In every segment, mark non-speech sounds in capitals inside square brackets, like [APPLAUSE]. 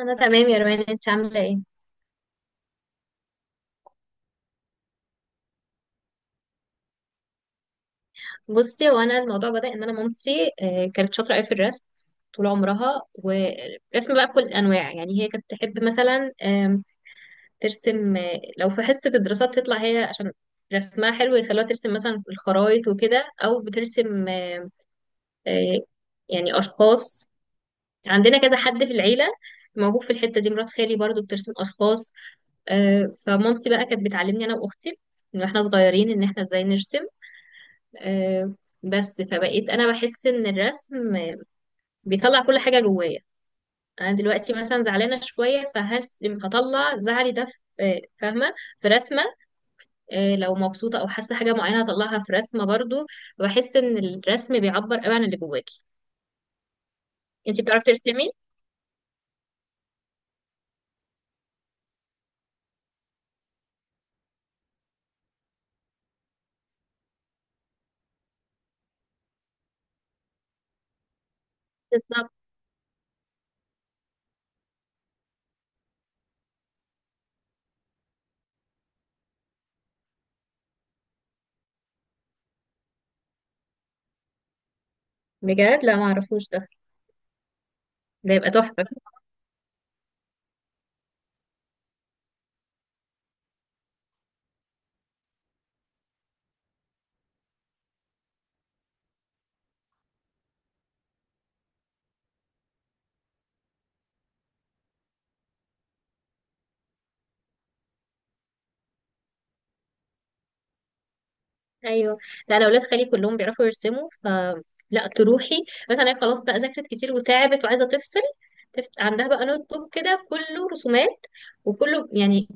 انا تمام يا روان، انت عامله ايه؟ بصي، هو انا الموضوع بدأ ان انا مامتي كانت شاطره قوي في الرسم طول عمرها. ورسم بقى بكل الانواع، يعني هي كانت تحب مثلا ترسم. لو في حصه الدراسات تطلع هي، عشان رسمها حلو، يخلوها ترسم مثلا الخرايط وكده، او بترسم آه، يعني اشخاص. عندنا كذا حد في العيله موهوب في الحته دي، مرات خالي برضو بترسم اشخاص. فمامتي بقى كانت بتعلمني انا واختي من واحنا صغيرين ان احنا ازاي نرسم. آه، بس فبقيت انا بحس ان الرسم بيطلع كل حاجه جوايا. انا دلوقتي مثلا زعلانه شويه، فهرسم، هطلع زعلي ده في فاهمه، في رسمه. لو مبسوطه او حاسه حاجه معينه هطلعها في رسمه برضو. بحس ان الرسم بيعبر قوي عن اللي جواكي. انتي بتعرفي ترسمي؟ بالظبط. بجد لا ما اعرفوش ده، ده يبقى تحفه. ايوه. لا، انا اولاد خالي كلهم بيعرفوا يرسموا ف لا تروحي، مثلا هي خلاص بقى ذاكرت كتير وتعبت وعايزه تفصل، عندها بقى نوت بوك كده كله رسومات، وكله يعني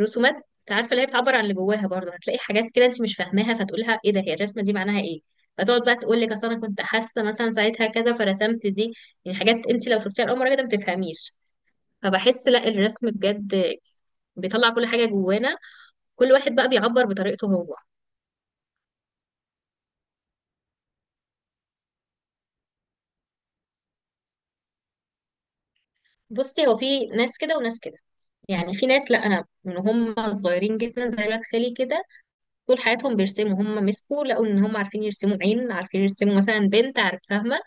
رسومات. عارفه اللي هي بتعبر عن اللي جواها برضه، هتلاقي حاجات كده انت مش فاهماها فتقولها ايه ده، هي الرسمه دي معناها ايه؟ فتقعد بقى تقول لك اصل انا كنت حاسه مثلا ساعتها كذا، فرسمت دي. يعني حاجات انت لو شفتيها لاول مره كده ما تفهميش. فبحس لا الرسم بجد بيطلع كل حاجه جوانا، كل واحد بقى بيعبر بطريقته هو. بصي، هو في ناس كده وناس كده. يعني في ناس، لا، انا من هم صغيرين جدا زي ولاد خالي كده طول حياتهم بيرسموا، هم مسكوا لقوا ان هم عارفين يرسموا عين، عارفين يرسموا مثلا بنت، عارف، فاهمه،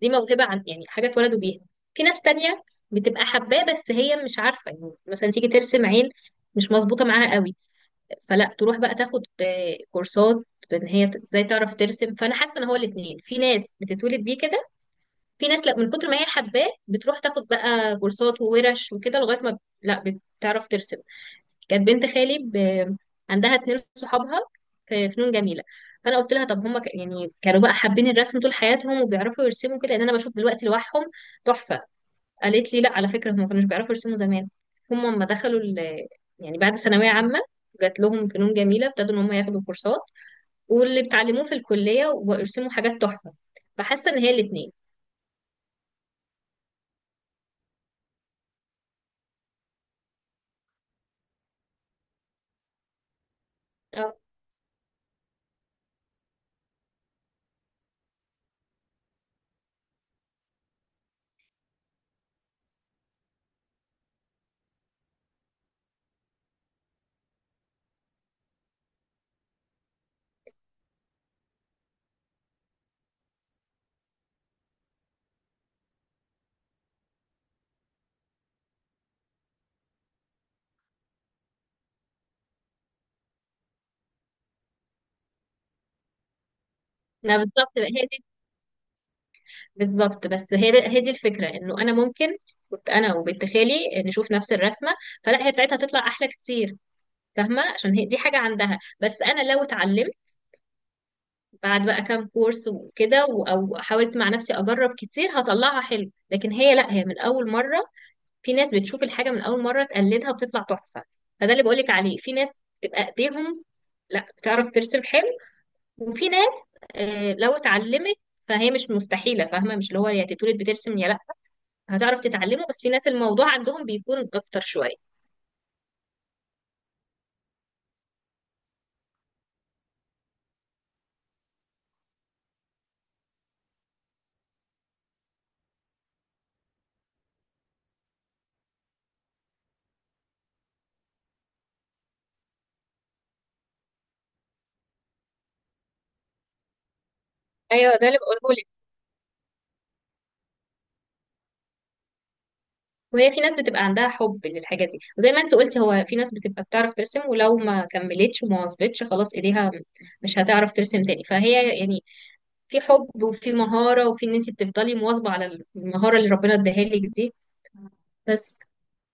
دي موهبه، عن يعني حاجه اتولدوا بيها. في ناس تانية بتبقى حباه بس هي مش عارفه، يعني مثلا تيجي ترسم عين مش مظبوطه معاها قوي، فلا تروح بقى تاخد كورسات ان هي ازاي تعرف ترسم. فانا حاسه ان هو الاثنين، في ناس بتتولد بيه كده، في ناس لا من كتر ما هي حباه بتروح تاخد بقى كورسات وورش وكده لغايه ما لا بتعرف ترسم. كانت بنت خالي عندها اتنين صحابها في فنون جميله، فانا قلت لها طب هم يعني كانوا بقى حابين الرسم طول حياتهم وبيعرفوا يرسموا كده، لان انا بشوف دلوقتي لوحهم تحفه. قالت لي لا، على فكره هم ما كانوش بيعرفوا يرسموا زمان، هم لما دخلوا يعني بعد ثانويه عامه، جات لهم فنون جميله ابتدوا ان هم ياخدوا كورسات واللي بتعلموه في الكليه ويرسموا حاجات تحفه. فحاسه ان هي الاثنين. اه. ما بالظبط، هي دي. بالظبط، بس هي هي دي الفكره، انه انا ممكن كنت انا وبنت خالي نشوف نفس الرسمه، فلا هي بتاعتها تطلع احلى كتير. فاهمه، عشان هي دي حاجه عندها. بس انا لو اتعلمت بعد بقى كام كورس وكده او حاولت مع نفسي اجرب كتير هطلعها حلو، لكن هي لا، هي من اول مره. في ناس بتشوف الحاجه من اول مره تقلدها وبتطلع تحفه. فده اللي بقولك عليه، في ناس بتبقى ايديهم، لا، بتعرف ترسم حلو. وفي ناس لو اتعلمت فهي مش مستحيله. فاهمه، مش اللي هو يا تتولد بترسم يا هتعرف تتعلمه، بس في ناس الموضوع عندهم بيكون اكتر شويه. ايوه، ده اللي بقوله لك. وهي في ناس بتبقى عندها حب للحاجه دي، وزي ما انت قلتي، هو في ناس بتبقى بتعرف ترسم ولو ما كملتش وما واظبتش خلاص ايديها مش هتعرف ترسم تاني. فهي يعني في حب، وفي مهاره، وفي ان انت بتفضلي مواظبه على المهاره اللي ربنا اداها لك دي. بس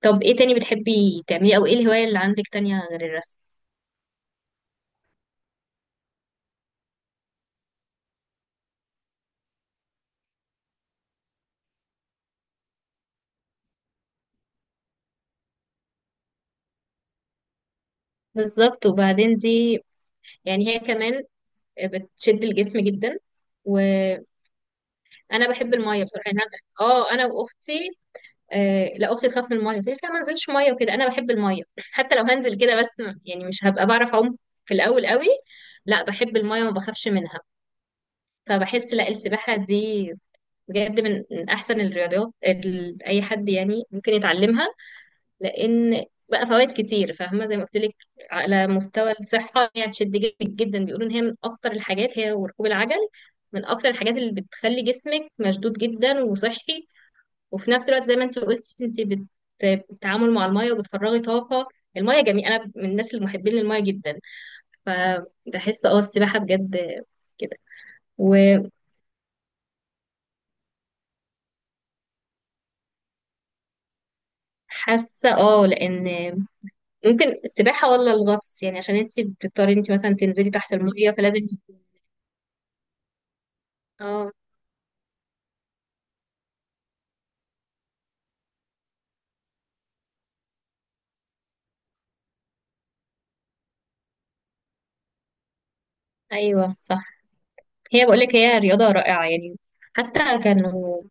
طب ايه تاني بتحبي تعمليه، او ايه الهواية اللي عندك تانية غير الرسم؟ بالظبط، وبعدين دي يعني هي كمان بتشد الجسم جدا. انا بحب الميه بصراحه، يعني انا واختي، لا اختي تخاف من الميه، تقول لي لا ما انزلش ميه وكده، انا بحب الميه [LAUGHS] حتى لو هنزل كده، بس يعني مش هبقى بعرف اعوم في الاول قوي. لا بحب الميه وما بخافش منها. فبحس لا، السباحه دي بجد من احسن الرياضات اللي اي حد يعني ممكن يتعلمها، لان بقى فوائد كتير. فاهمه، زي ما قلت لك، على مستوى الصحه هي هتشد جسمك جدا، بيقولوا ان هي من اكتر الحاجات، هي وركوب العجل، من اكتر الحاجات اللي بتخلي جسمك مشدود جدا وصحي. وفي نفس الوقت زي ما انت قلتي، انت بتتعامل مع المايه وبتفرغي طاقه. المايه جميل، انا من الناس المحبين للمايه جدا. فبحس السباحه بجد كده. وحاسه اه لان ممكن السباحه ولا الغطس، يعني عشان انت بتضطري انت مثلا تنزلي تحت المايه فلازم. اه، ايوه، صح. هي بقول لك هي رياضه رائعه يعني. حتى كانوا،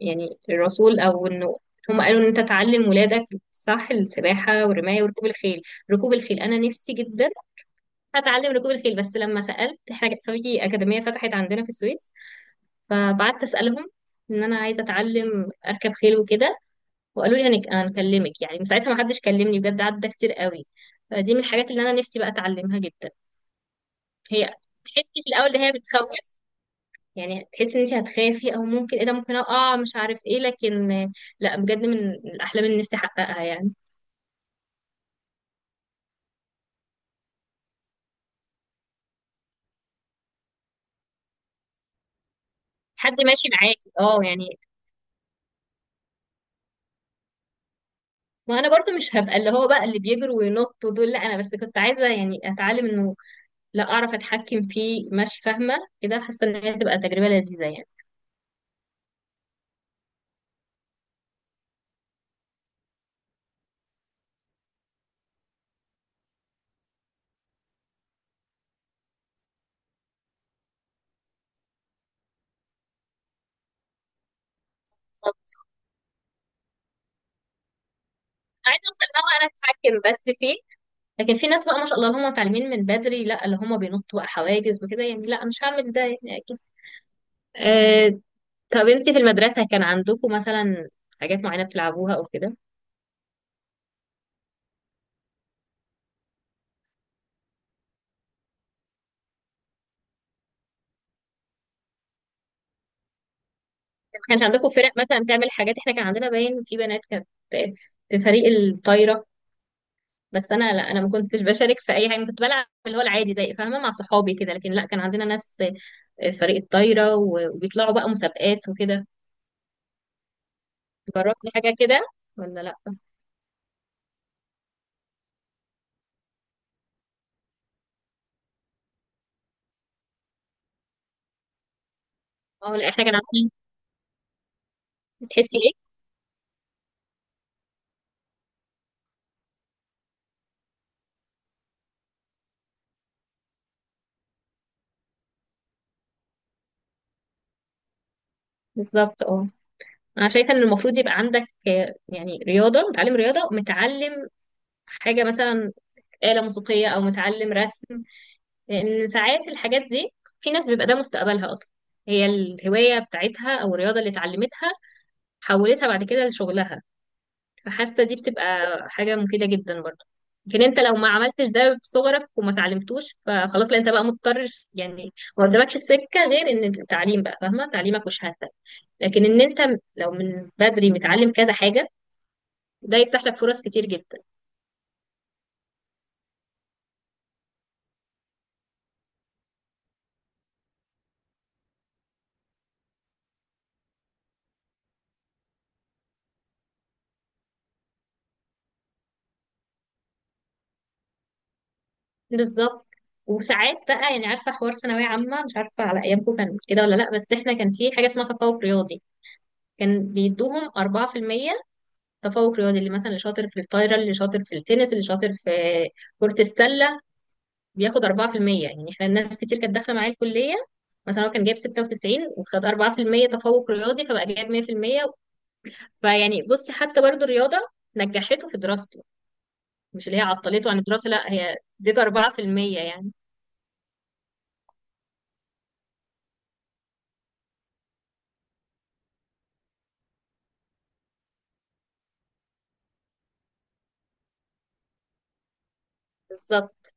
يعني الرسول او انه، هم قالوا ان انت تعلم ولادك، صح، السباحه والرمايه وركوب الخيل. ركوب الخيل انا نفسي جدا هتعلم ركوب الخيل، بس لما سألت احنا كان في أكاديمية فتحت عندنا في السويس، فبعدت أسألهم إن أنا عايزة أتعلم أركب خيل وكده، وقالوا لي هنكلمك، يعني من ساعتها ما حدش كلمني، بجد عدى كتير قوي. فدي من الحاجات اللي أنا نفسي بقى أتعلمها جدا. هي تحسي في الأول إن هي بتخوف، يعني تحسي إن أنت هتخافي، أو ممكن إيه ده ممكن أقع مش عارف إيه، لكن لا بجد من الأحلام اللي نفسي أحققها يعني. حد ماشي معاكي يعني. ما انا برضو مش هبقى اللي هو بقى اللي بيجروا وينطوا دول، لا انا بس كنت عايزه يعني اتعلم انه، لا، اعرف اتحكم فيه مش فاهمه كده، حاسه ان هي تبقى تجربه لذيذه يعني. طب عايزه اوصل ان هو انا اتحكم بس فيه، لكن في ناس بقى ما شاء الله اللي هم متعلمين من بدري، لا، اللي هم بينطوا بقى حواجز وكده، يعني لا مش هعمل ده يعني اكيد. آه. طب انت في المدرسه كان عندكم مثلا حاجات معينه بتلعبوها او كده؟ ما كانش عندكم فرق مثلا تعمل حاجات؟ احنا كان عندنا باين، في بنات كانت في فريق الطايره، بس انا لا، انا ما كنتش بشارك في اي حاجه، كنت بلعب اللي هو العادي زي، فاهمه، مع صحابي كده، لكن لا كان عندنا ناس فريق الطايرة وبيطلعوا بقى مسابقات وكده. جربت حاجة كده ولا لأ؟ اه لا، احنا كان عاملين. بتحسي ايه؟ بالظبط اه. انا شايفة ان المفروض يبقى عندك يعني رياضة، متعلم رياضة ومتعلم حاجة مثلا آلة موسيقية، او متعلم رسم. لان ساعات الحاجات دي في ناس بيبقى ده مستقبلها اصلا، هي الهواية بتاعتها او الرياضة اللي اتعلمتها حولتها بعد كده لشغلها. فحاسه دي بتبقى حاجه مفيده جدا برضه. لكن انت لو ما عملتش ده في صغرك وما تعلمتوش فخلاص، لا انت بقى مضطر، يعني ما قدامكش سكه غير ان التعليم بقى، فاهمه، تعليمك وشهادتك. لكن ان انت لو من بدري متعلم كذا حاجه، ده يفتح لك فرص كتير جدا. بالظبط. وساعات بقى يعني، عارفه، حوار ثانويه عامه، مش عارفه على ايامكم كان كده ولا لا، بس احنا كان في حاجه اسمها تفوق رياضي، كان بيدوهم 4% تفوق رياضي، اللي مثلا اللي شاطر في الطايره، اللي شاطر في التنس، اللي شاطر في كرة السلة بياخد 4%. يعني احنا الناس كتير كانت داخله معايا الكليه، مثلا هو كان جايب 96 وخد 4% تفوق رياضي فبقى جايب 100%. فيعني بصي، حتى برضو الرياضه نجحته في دراسته، مش اللي هي عطلته عن الدراسه، لا هي اديته 4% يعني. بالظبط.